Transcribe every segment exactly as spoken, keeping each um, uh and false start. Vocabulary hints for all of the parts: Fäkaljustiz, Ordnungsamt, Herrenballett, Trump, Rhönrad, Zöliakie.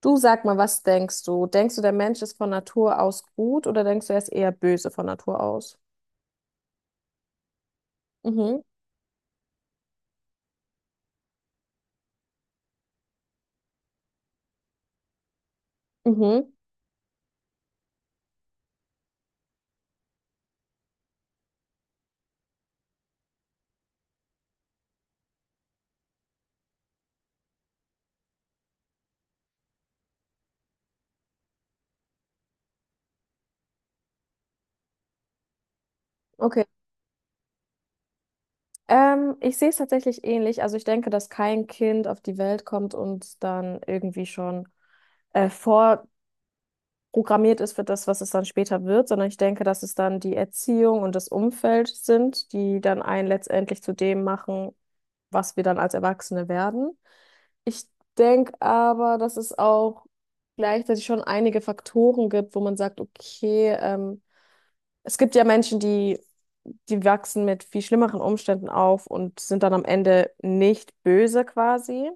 Du sag mal, was denkst du? Denkst du, der Mensch ist von Natur aus gut oder denkst du, er ist eher böse von Natur aus? Mhm, mhm, okay. Ähm, ich sehe es tatsächlich ähnlich. Also ich denke, dass kein Kind auf die Welt kommt und dann irgendwie schon äh, vorprogrammiert ist für das, was es dann später wird, sondern ich denke, dass es dann die Erziehung und das Umfeld sind, die dann einen letztendlich zu dem machen, was wir dann als Erwachsene werden. Ich denke aber, dass es auch gleichzeitig schon einige Faktoren gibt, wo man sagt, okay, ähm, es gibt ja Menschen, die, die wachsen mit viel schlimmeren Umständen auf und sind dann am Ende nicht böse quasi.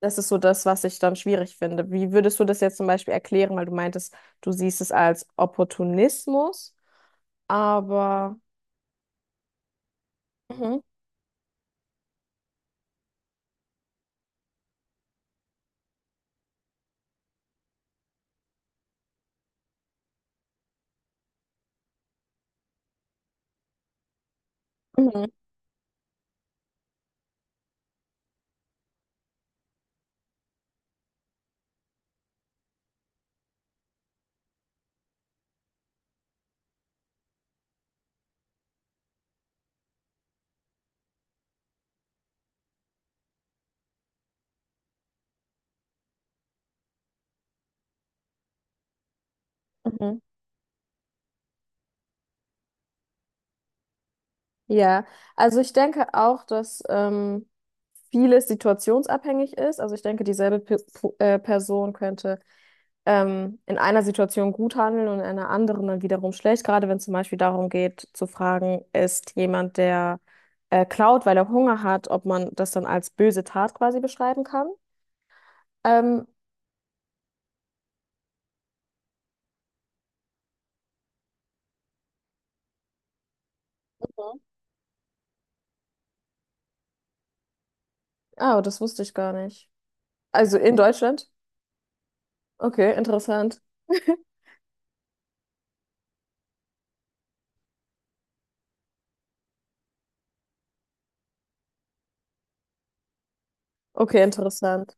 Das ist so das, was ich dann schwierig finde. Wie würdest du das jetzt zum Beispiel erklären, weil du meintest, du siehst es als Opportunismus, aber mhm, mhm, mhm. Ja, also ich denke auch, dass ähm, vieles situationsabhängig ist. Also ich denke, dieselbe Pe Po- äh, Person könnte ähm, in einer Situation gut handeln und in einer anderen dann wiederum schlecht. Gerade wenn es zum Beispiel darum geht, zu fragen, ist jemand, der äh, klaut, weil er Hunger hat, ob man das dann als böse Tat quasi beschreiben kann. Ähm, Mhm. Ah, das wusste ich gar nicht. Also in Deutschland? Okay, interessant. Okay, interessant.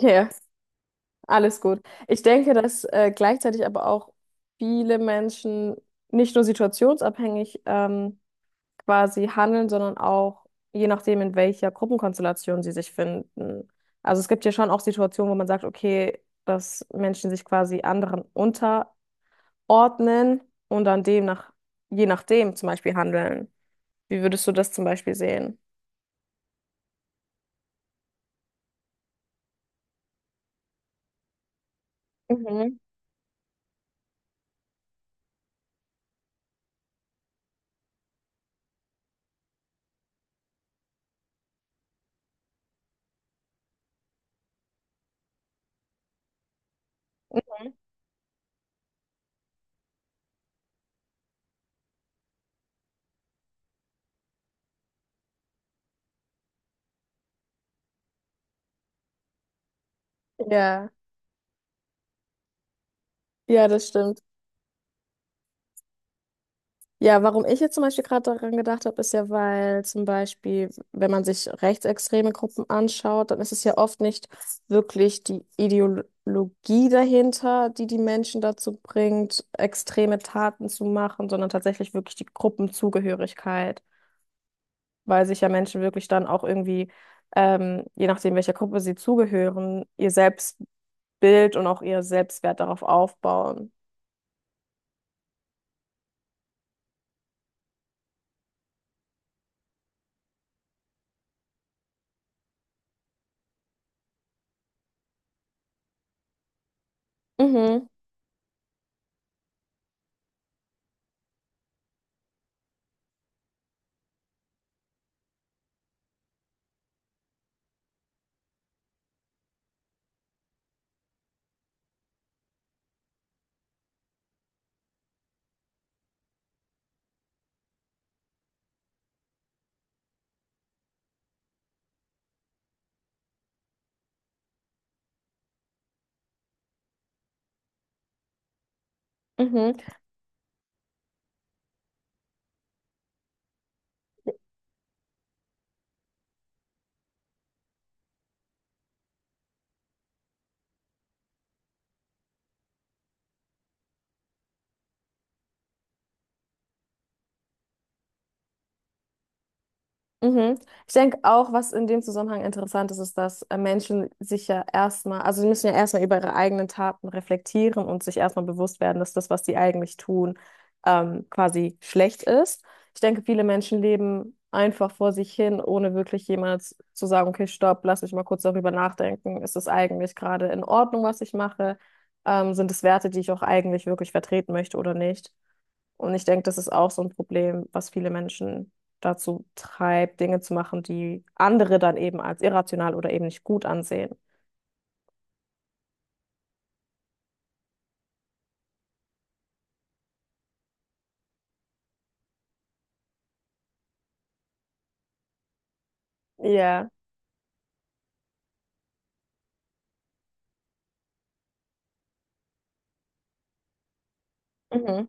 Ja. Alles gut. Ich denke, dass äh, gleichzeitig aber auch viele Menschen nicht nur situationsabhängig ähm, quasi handeln, sondern auch je nachdem, in welcher Gruppenkonstellation sie sich finden. Also es gibt ja schon auch Situationen, wo man sagt, okay, dass Menschen sich quasi anderen unterordnen und dann demnach, je nachdem zum Beispiel handeln. Wie würdest du das zum Beispiel sehen? Mhm. Ja, ja, das stimmt. Ja, warum ich jetzt zum Beispiel gerade daran gedacht habe, ist ja, weil zum Beispiel, wenn man sich rechtsextreme Gruppen anschaut, dann ist es ja oft nicht wirklich die Ideologie dahinter, die die Menschen dazu bringt, extreme Taten zu machen, sondern tatsächlich wirklich die Gruppenzugehörigkeit, weil sich ja Menschen wirklich dann auch irgendwie, ähm, je nachdem, welcher Gruppe sie zugehören, ihr Selbstbild und auch ihr Selbstwert darauf aufbauen. Mhm, mhm. Mhm. Ich denke auch, was in dem Zusammenhang interessant ist, ist, dass äh, Menschen sich ja erstmal, also sie müssen ja erstmal über ihre eigenen Taten reflektieren und sich erstmal bewusst werden, dass das, was sie eigentlich tun, ähm, quasi schlecht ist. Ich denke, viele Menschen leben einfach vor sich hin, ohne wirklich jemals zu sagen, okay, stopp, lass mich mal kurz darüber nachdenken. Ist es eigentlich gerade in Ordnung, was ich mache? Ähm, sind es Werte, die ich auch eigentlich wirklich vertreten möchte oder nicht? Und ich denke, das ist auch so ein Problem, was viele Menschen dazu treibt, Dinge zu machen, die andere dann eben als irrational oder eben nicht gut ansehen. Ja. Mhm.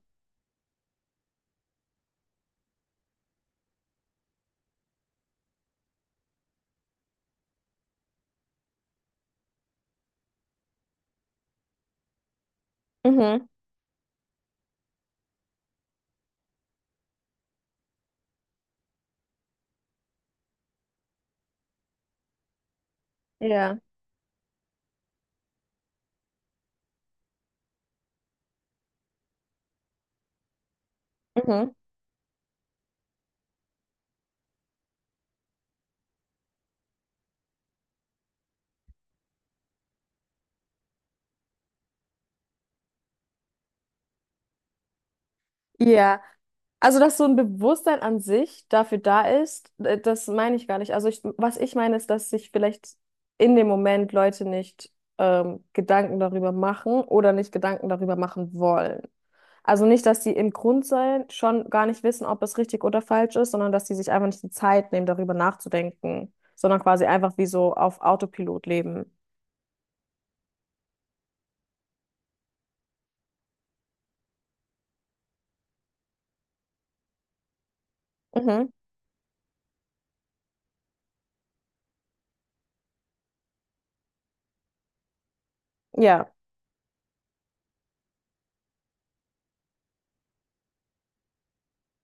Mhm. Ja. Mhm. Ja, also dass so ein Bewusstsein an sich dafür da ist, d- das meine ich gar nicht. Also ich, was ich meine ist, dass sich vielleicht in dem Moment Leute nicht ähm, Gedanken darüber machen oder nicht Gedanken darüber machen wollen. Also nicht, dass sie im Grundsein schon gar nicht wissen, ob es richtig oder falsch ist, sondern dass sie sich einfach nicht die Zeit nehmen, darüber nachzudenken, sondern quasi einfach wie so auf Autopilot leben. Mhm. Ja,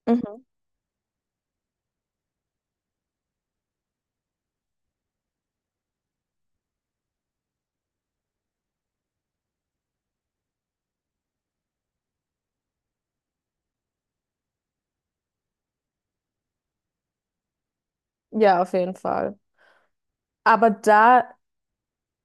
mhm. Ja, auf jeden Fall. Aber da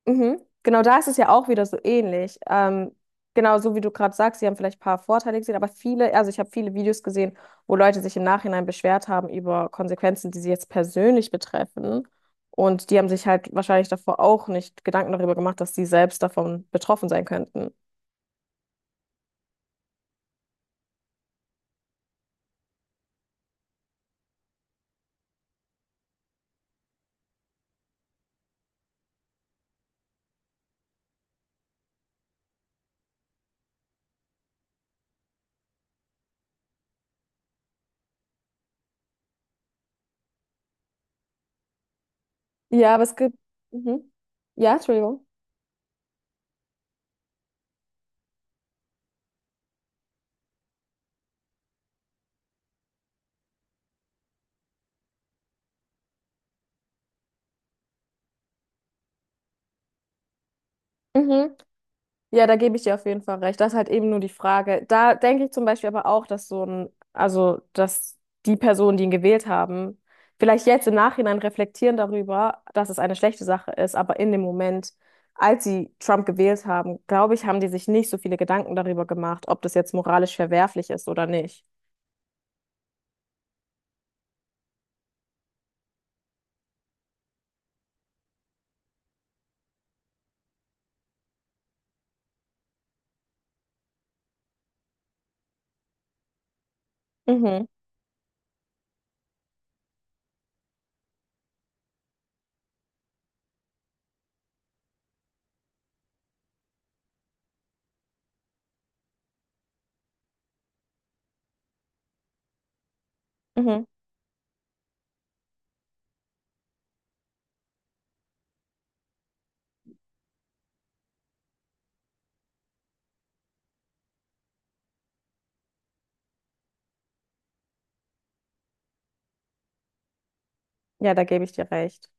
mhm. Genau da ist es ja auch wieder so ähnlich. Ähm, genau so wie du gerade sagst, sie haben vielleicht ein paar Vorteile gesehen, aber viele, also ich habe viele Videos gesehen, wo Leute sich im Nachhinein beschwert haben über Konsequenzen, die sie jetzt persönlich betreffen. Und die haben sich halt wahrscheinlich davor auch nicht Gedanken darüber gemacht, dass sie selbst davon betroffen sein könnten. Ja, aber es gibt, mhm. Ja, Entschuldigung. Mhm. Ja, da gebe ich dir auf jeden Fall recht. Das ist halt eben nur die Frage. Da denke ich zum Beispiel aber auch, dass so ein, also dass die Personen, die ihn gewählt haben, vielleicht jetzt im Nachhinein reflektieren darüber, dass es eine schlechte Sache ist, aber in dem Moment, als sie Trump gewählt haben, glaube ich, haben die sich nicht so viele Gedanken darüber gemacht, ob das jetzt moralisch verwerflich ist oder nicht. Mhm, mhm. Ja, da gebe ich dir recht.